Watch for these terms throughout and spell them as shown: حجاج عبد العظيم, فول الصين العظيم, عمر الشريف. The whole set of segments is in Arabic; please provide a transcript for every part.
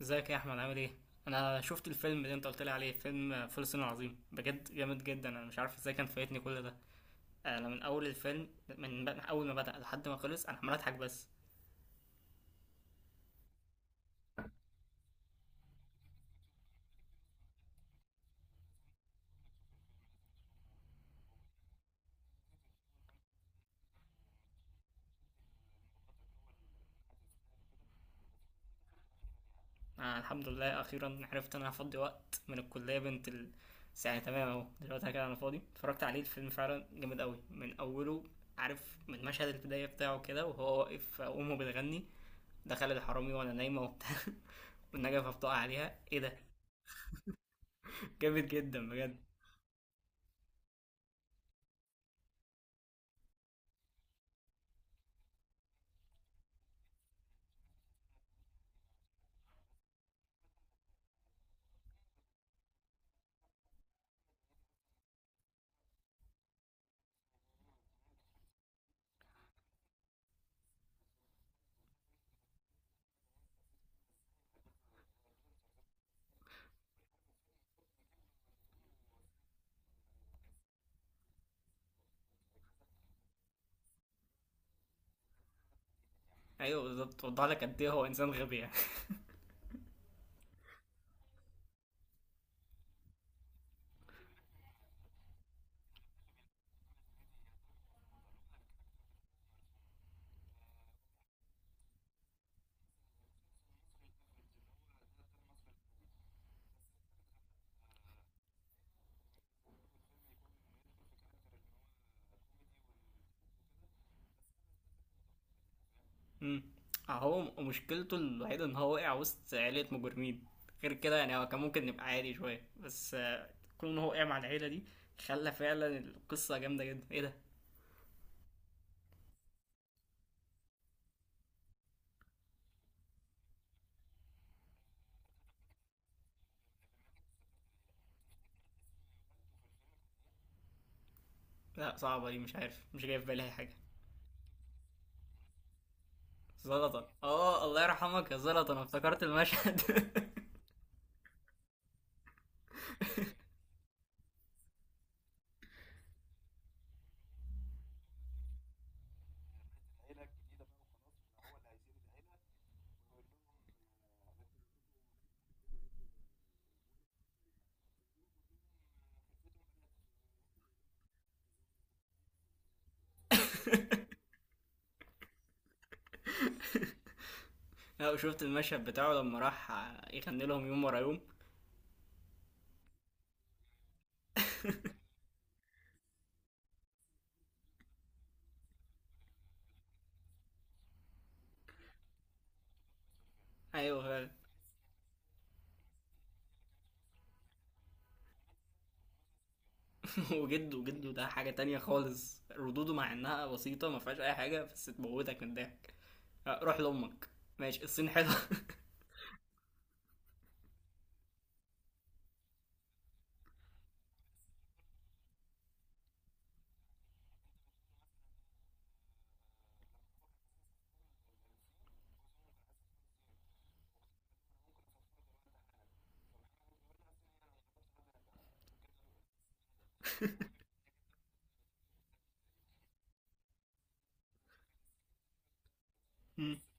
ازيك يا احمد؟ عامل ايه؟ انا شفت الفيلم اللي انت قلت لي عليه، فيلم فول الصين العظيم، بجد جامد جدا. انا مش عارف ازاي كان فايتني كل ده. انا من اول الفيلم، من اول ما بدأ لحد ما خلص انا عمال اضحك بس. أنا الحمد لله اخيرا عرفت ان انا هفضي وقت من الكليه بنت ال... ساعة تمام اهو، دلوقتي كده انا فاضي، اتفرجت عليه الفيلم، فعلا جامد قوي من اوله. عارف من مشهد البدايه بتاعه كده وهو واقف امه بتغني، دخل الحرامي وانا نايمه وبتاع والنجفه بتقع عليها، ايه ده! جامد جدا بجد. ايوه بالظبط، وضح لك قد ايه هو انسان غبي يعني. أمم. اهو مشكلته الوحيده ان هو وقع وسط عيله مجرمين، غير كده يعني هو كان ممكن نبقى عادي شويه، بس آه، كون ان هو وقع مع العيله دي خلى فعلا القصه جامده جدا. ايه ده! لا صعبه دي، مش عارف، مش جاي في بالي اي حاجه. زلطه، اه، الله يرحمك يا زلطه، انا افتكرت المشهد. لا وشفت المشهد بتاعه لما راح يغني لهم يوم ورا يوم. ايوه فعلا. وجده، وجده ده حاجة تانية خالص، ردوده مع انها بسيطة ما فيهاش اي حاجة بس تموتك من الضحك. آه، روح لامك، ماشي الصين حلوة.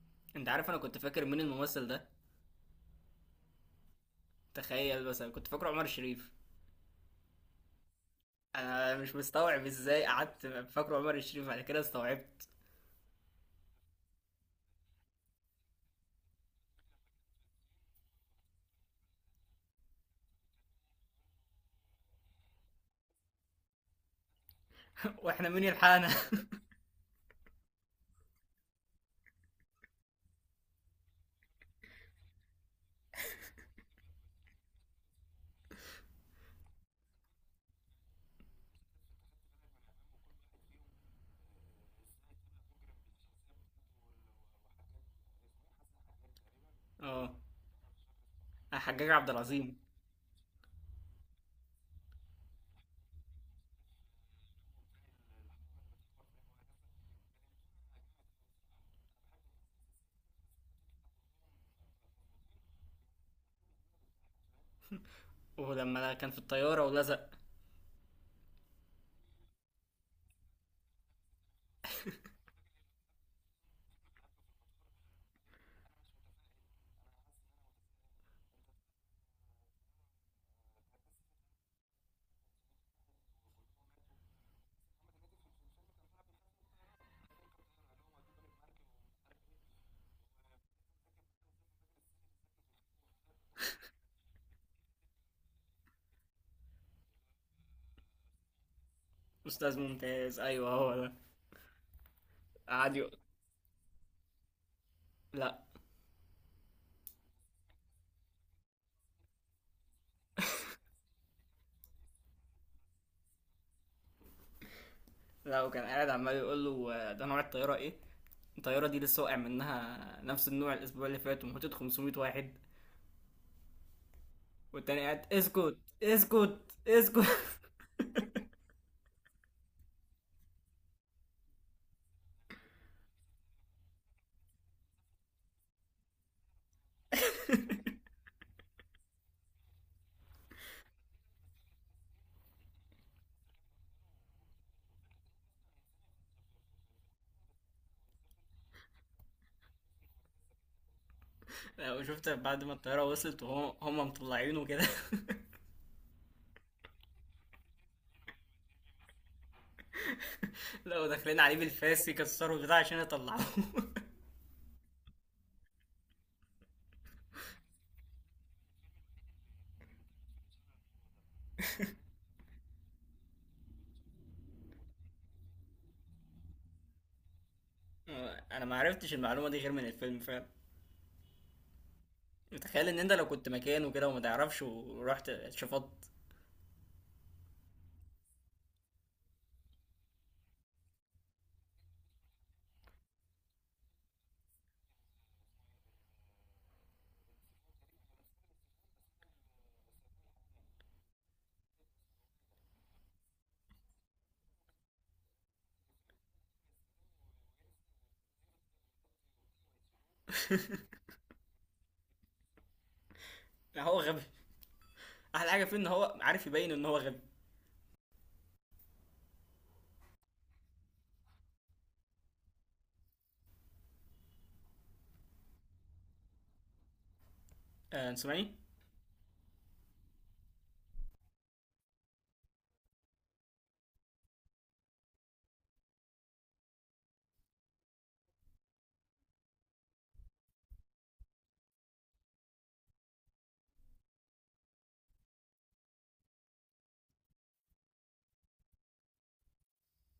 انت عارف انا كنت فاكر مين الممثل ده؟ تخيل بس، انا كنت فاكره عمر الشريف. انا مش مستوعب ازاي قعدت فاكره عمر الشريف، بعد كده استوعبت. واحنا مين يلحقنا! اه، حجاج عبد العظيم. ولما كان في الطيارة ولزق. استاذ ممتاز، ايوه هو ده. قعد يقول، لا. لا، وكان قاعد عمال يقول له آه، ده نوع الطيارة ايه، الطياره دي لسه واقع منها نفس النوع الاسبوع اللي فات وموتت 500 واحد، والتاني قاعد: اسكت، اسكت، اسكت. لا وشفت بعد ما الطياره وصلت وهم مطلعينه كده. لو داخلين عليه بالفاس يكسروا البتاع عشان يطلعوه. انا ما عرفتش المعلومه دي غير من الفيلم فعلا. تخيل ان انت لو كنت مكانه كده وما تعرفش ورحت شفطت. هو غبي، احلى حاجه فيه ان هو عارف يبين ان هو غبي. آه، انت سامعني؟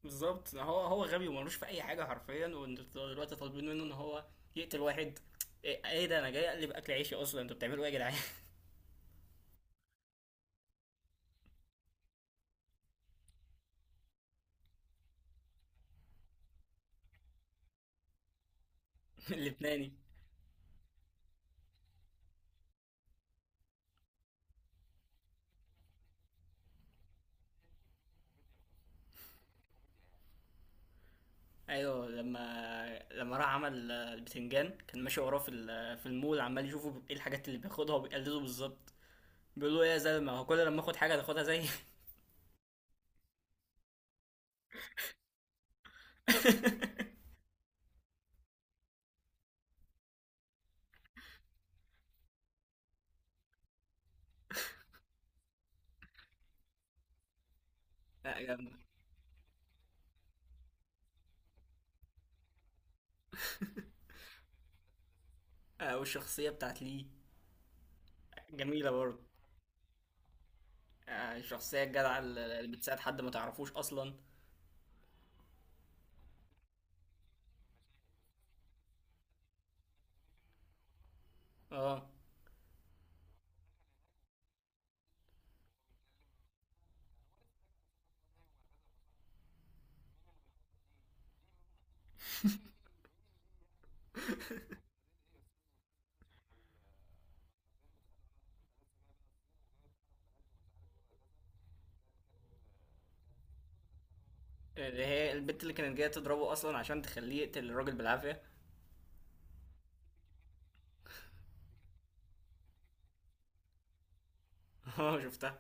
بالظبط، هو غبي وملوش في اي حاجه حرفيا، وانتوا دلوقتي طالبين منه ان هو يقتل واحد! ايه، إيه ده، انا جاي اقلب اكل عيشي اصلا، انتوا بتعملوا ايه يا جدعان؟ اللبناني. ايوه، لما راح عمل آه، البتنجان، كان ماشي وراه في في المول عمال يشوفه ايه الحاجات اللي بياخدها وبيقلده بالظبط. بيقول له ايه يا زلمه، هو كل لما اخد حاجه تاخدها زي. لا جامدة. آه، والشخصية بتاعت لي جميلة برضه. آه، الشخصية الجدعة اللي بتساعد حد ما تعرفوش أصلا. اه، اللي هي البنت اللي كانت جايه تضربه اصلا عشان تخليه يقتل الراجل بالعافيه. اه شفتها.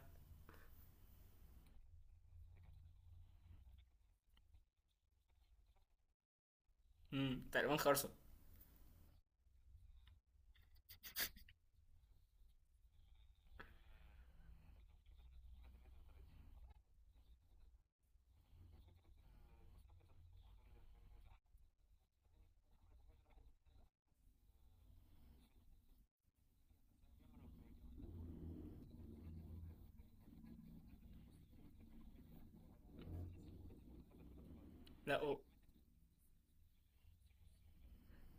امم، تقريبا خرصه. لا و...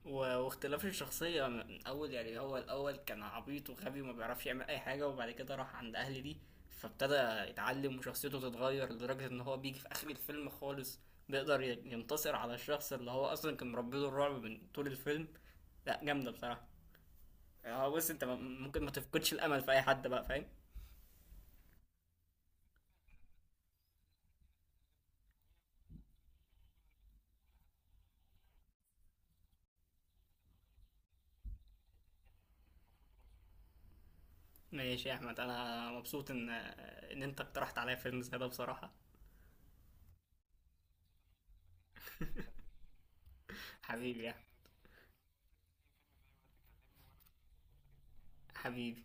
و... واختلاف الشخصيه من اول. يعني هو الاول كان عبيط وغبي وما بيعرفش يعمل اي حاجه، وبعد كده راح عند اهل دي فابتدى يتعلم وشخصيته تتغير، لدرجه ان هو بيجي في اخر الفيلم خالص بيقدر ينتصر على الشخص اللي هو اصلا كان مربيله الرعب من طول الفيلم. لا جامده بصراحه. اه بص، ممكن ما تفقدش الامل في اي حد بقى، فاهم؟ ماشي يا احمد، انا مبسوط ان انت اقترحت عليا فيلم زي ده بصراحة. حبيبي يا أحمد. حبيبي.